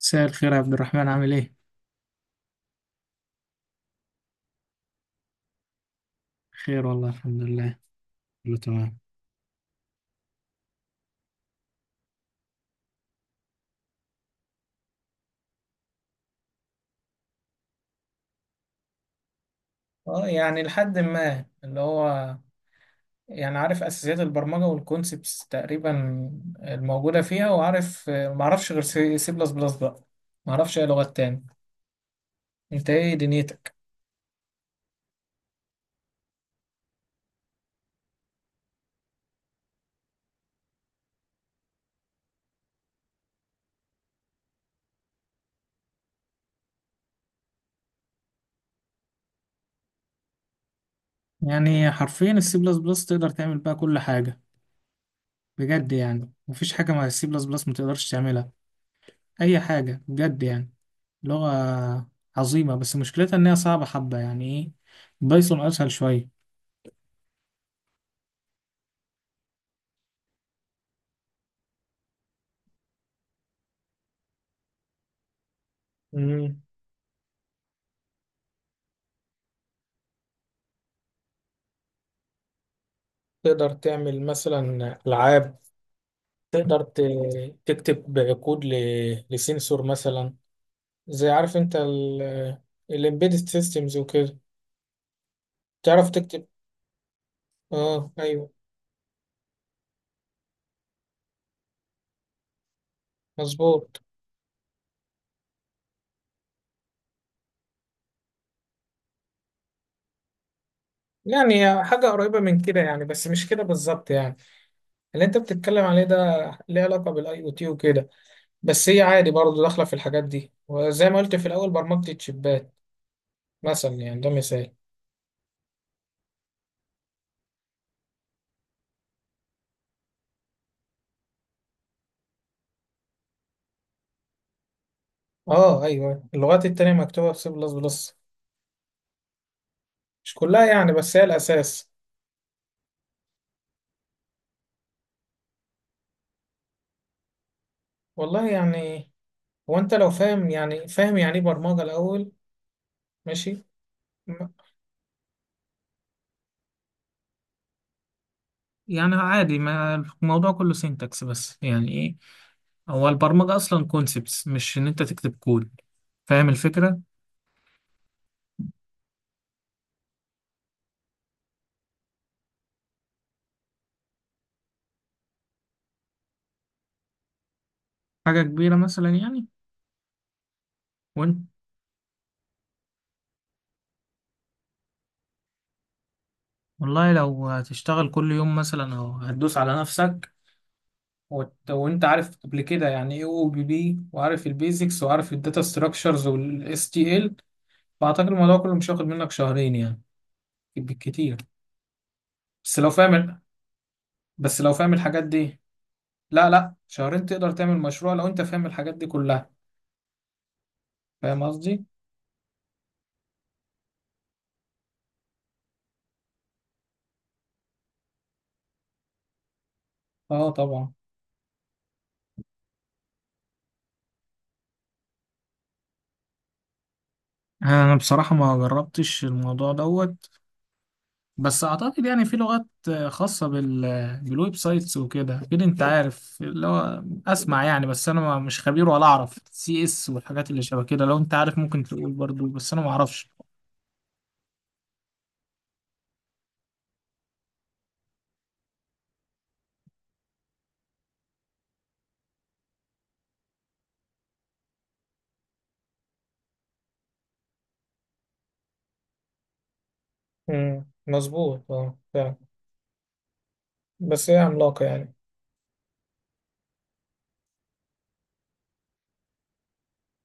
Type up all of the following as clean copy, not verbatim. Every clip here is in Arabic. مساء الخير يا عبد الرحمن، عامل ايه؟ خير والله، الحمد لله، كله تمام. اه يعني لحد ما اللي هو يعني عارف اساسيات البرمجه والكونسبتس تقريبا الموجوده فيها. وعارف، ما اعرفش غير سي بلس بلس بقى، ما اعرفش اي لغات تاني. انت ايه دنيتك؟ يعني حرفيا السي بلس بلس تقدر تعمل بقى كل حاجة. بجد يعني مفيش حاجة مع السي بلس بلس متقدرش تعملها، أي حاجة بجد يعني. لغة عظيمة، بس مشكلتها إن هي صعبة حبة، يعني ايه، بايثون أسهل شوية. مم. تقدر تعمل مثلا ألعاب، تقدر تكتب كود لسنسور مثلا، زي عارف انت الامبيدد سيستمز وكده، تعرف تكتب. اه ايوه، مظبوط. يعني هي حاجة قريبة من كده يعني، بس مش كده بالظبط يعني. اللي انت بتتكلم عليه ده ليه علاقة بالاي او تي وكده، بس هي عادي برضه داخلة في الحاجات دي، وزي ما قلت في الأول برمجة الشيبات مثلا، يعني ده مثال. اه ايوه، اللغات التانية مكتوبة في سي بلس بلس. مش كلها يعني، بس هي الأساس. والله يعني، هو أنت لو فاهم يعني فاهم يعني إيه برمجة الأول. ماشي. م- يعني عادي، ما الموضوع كله سينتاكس، بس يعني إيه، هو البرمجة أصلا كونسبتس، مش إن أنت تكتب كود. فاهم الفكرة. حاجة كبيرة مثلا يعني. وأنت، والله لو هتشتغل كل يوم مثلا، أو هتدوس على نفسك، وانت عارف قبل كده يعني ايه او بي بي، وعارف البيزكس، وعارف الداتا ستراكشرز والاس تي ال، فاعتقد الموضوع كله مش هياخد منك شهرين يعني، بالكتير. بس لو فاهم بس لو فاهم الحاجات دي. لا، لا، شهرين تقدر تعمل مشروع لو انت فاهم الحاجات دي كلها. فاهم قصدي؟ اه طبعا. انا بصراحة ما جربتش الموضوع دوت، بس اعتقد يعني في لغات خاصة بالويب سايتس وكده، اكيد انت عارف اللي هو اسمع يعني، بس انا مش خبير ولا اعرف سي اس والحاجات اللي شبه كده. لو انت عارف ممكن تقول برضو، بس انا ما اعرفش. امم، مظبوط، اه فعلا، بس هي عملاقة يعني.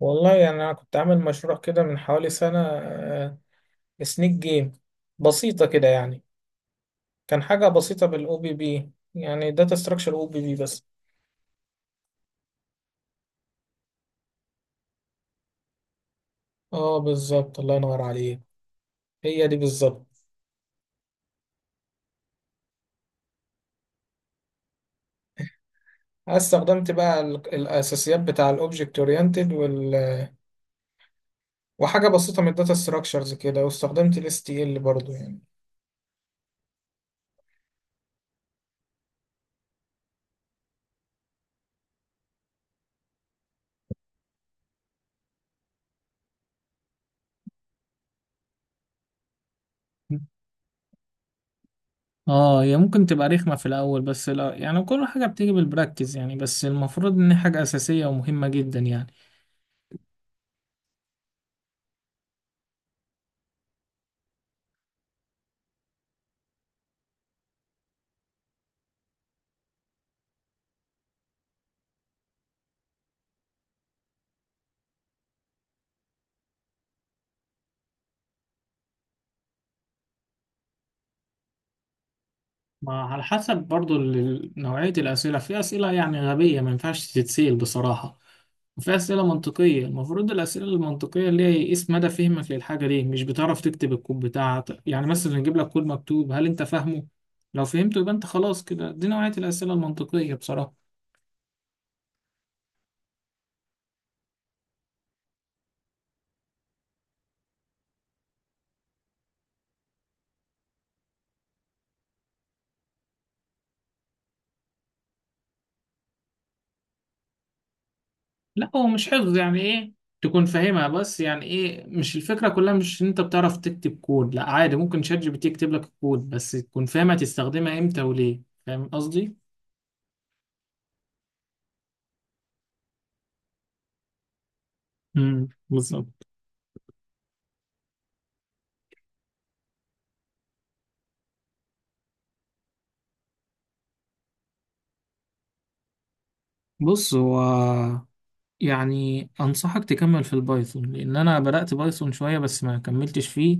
والله يعني، انا كنت عامل مشروع كده من حوالي سنة، سنيك جيم، بسيطة كده يعني. كان حاجة بسيطة بالاو بي بي، يعني داتا ستراكشر او بي بي بس. اه بالظبط، الله ينور عليك، هي دي بالظبط. أنا استخدمت بقى الاساسيات بتاع الاوبجكت اورينتد وحاجة بسيطة من الداتا ستراكشرز كده، واستخدمت الاس تي ال برضو يعني. اه هي ممكن تبقى رخمة في الأول، بس لا يعني، كل حاجة بتيجي بالبراكتس يعني، بس المفروض إن هي حاجة أساسية ومهمة جدا يعني. ما على حسب برضو نوعية الأسئلة. في أسئلة يعني غبية ما ينفعش تتسأل بصراحة، وفي أسئلة منطقية. المفروض الأسئلة المنطقية اللي هي يقيس مدى فهمك للحاجة دي، مش بتعرف تكتب الكود بتاعك يعني. مثلا نجيب لك كود مكتوب، هل أنت فاهمه؟ لو فهمته يبقى أنت خلاص كده، دي نوعية الأسئلة المنطقية بصراحة. لا هو مش حفظ، يعني إيه، تكون فاهمها، بس يعني إيه، مش الفكرة كلها مش إن أنت بتعرف تكتب كود، لا عادي ممكن شات جي بي تي يكتب لك الكود، بس تكون فاهمة تستخدمها إمتى وليه. فاهم قصدي؟ امم، بالظبط. بص هو، يعني انصحك تكمل في البايثون، لان انا بدأت بايثون شوية، بس ما كملتش فيه.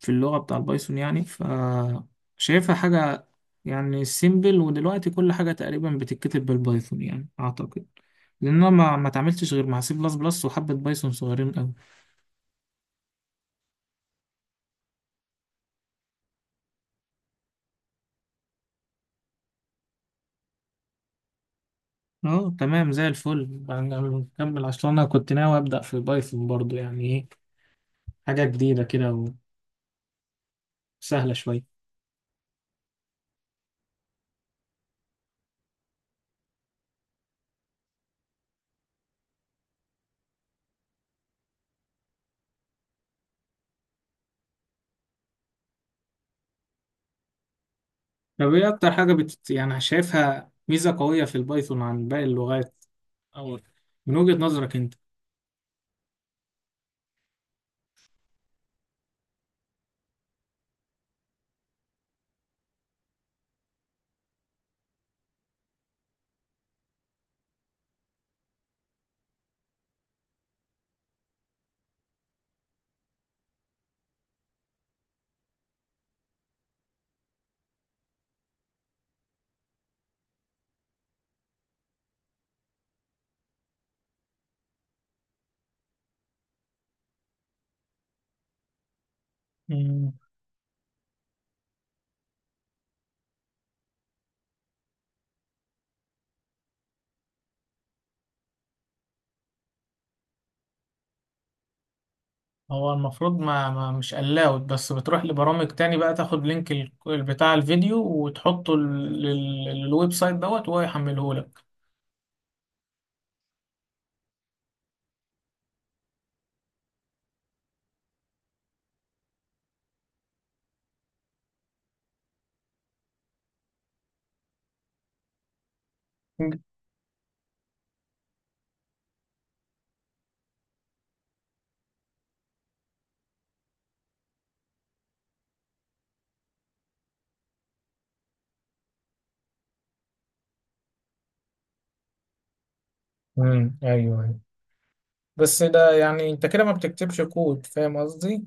في اللغة بتاع البايثون يعني، ف شايفها حاجة يعني سيمبل، ودلوقتي كل حاجة تقريبا بتتكتب بالبايثون يعني اعتقد. لان انا ما اتعاملتش غير مع سي بلس بلس وحبة بايثون صغيرين قوي. اه تمام، زي الفل يعني، نكمل، عشان انا كنت ناوي ابدأ في بايثون برضو، يعني ايه، حاجة جديدة كده، وسهلة شوية. طب ايه اكتر حاجة يعني شايفها ميزة قوية في البايثون عن باقي اللغات، او من وجهة نظرك انت؟ مم. هو المفروض ما مش allowed، بس بتروح لبرامج تاني بقى، تاخد لينك بتاع الفيديو وتحطه للويب سايت دوت، وهو يحمله لك. امم، ايوه ايوه، بس ده يعني انت كده ما بتكتبش كود. فاهم قصدي؟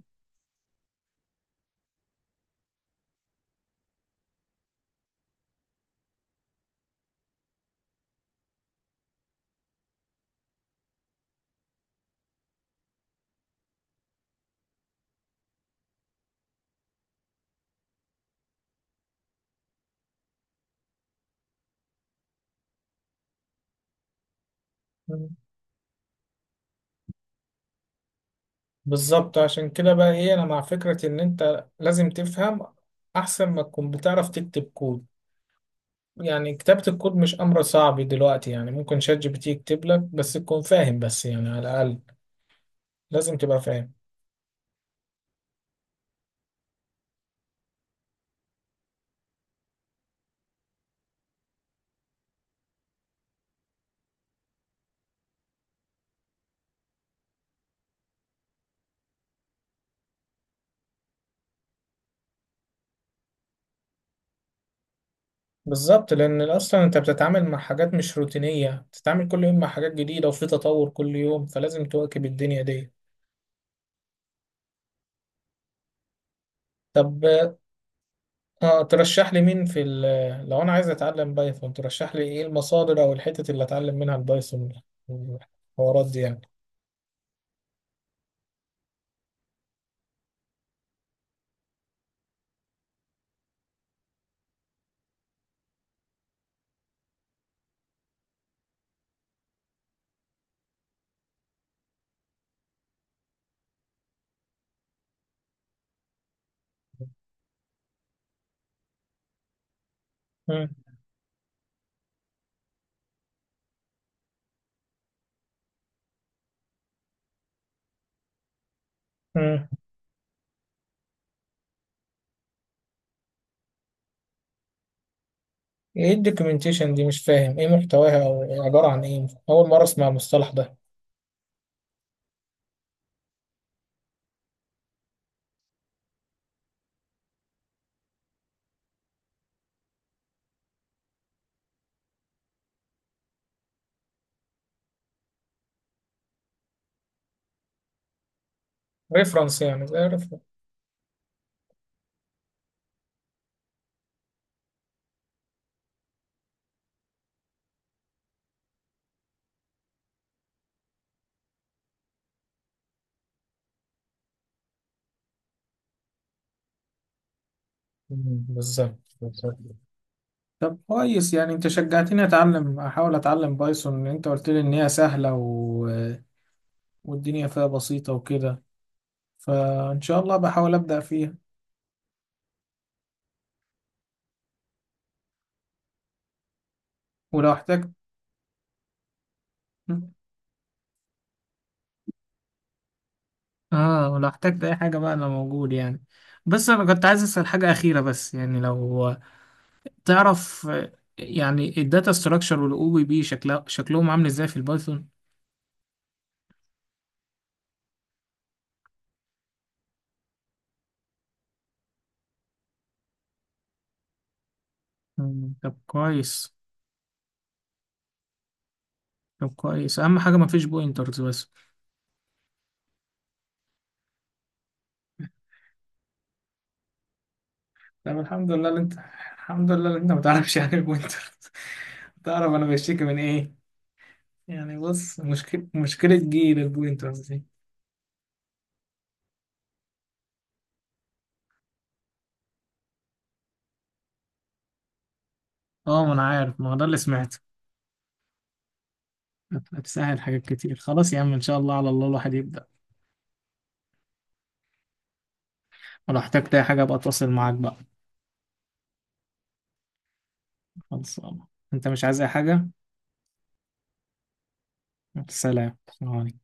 مم. بالظبط، عشان كده بقى ايه، انا مع فكرة ان انت لازم تفهم احسن ما تكون بتعرف تكتب كود. يعني كتابة الكود مش أمر صعب دلوقتي، يعني ممكن شات جي بي تي يكتب لك، بس تكون فاهم، بس يعني على الأقل لازم تبقى فاهم. بالظبط، لأن أصلا أنت بتتعامل مع حاجات مش روتينية، بتتعامل كل يوم مع حاجات جديدة، وفي تطور كل يوم، فلازم تواكب الدنيا دي. طب ترشح لي مين في ال- لو أنا عايز أتعلم بايثون، ترشح لي إيه المصادر أو الحتت اللي أتعلم منها البايثون والحوارات دي يعني. مم. مم. إيه الدوكيومنتيشن دي؟ مش فاهم إيه محتواها أو عبارة عن إيه، أول مرة أسمع المصطلح ده. ريفرنس يعني، زي ريفرنس. بالظبط، بالظبط. طب كويس، يعني انت شجعتني اتعلم، احاول اتعلم بايثون، انت قلت لي ان هي سهلة والدنيا فيها بسيطة وكده، فان شاء الله بحاول ابدأ فيها. ولو احتجت. اه ولو احتجت اي حاجة بقى انا موجود يعني. بس انا كنت عايز اسأل حاجة اخيرة بس يعني، لو تعرف يعني الداتا ستراكشر والاو بي بي شكلهم عامل ازاي في البايثون؟ مم، طب كويس، طب كويس، اهم حاجة مفيش بوينترز بس. طب الحمد لله اللي انت ما تعرفش يعني البوينتر. تعرف انا بشتكي من ايه. يعني بص، مشكلة جيل البوينترز دي. اه ما انا عارف، ما هو ده اللي سمعته. هتسهل حاجات كتير، خلاص يا عم، ان شاء الله، على الله الواحد يبدأ. ولو احتجت اي حاجة ابقى اتواصل معاك بقى. خلاص، انت مش عايز اي حاجة؟ سلام، سلام عليكم.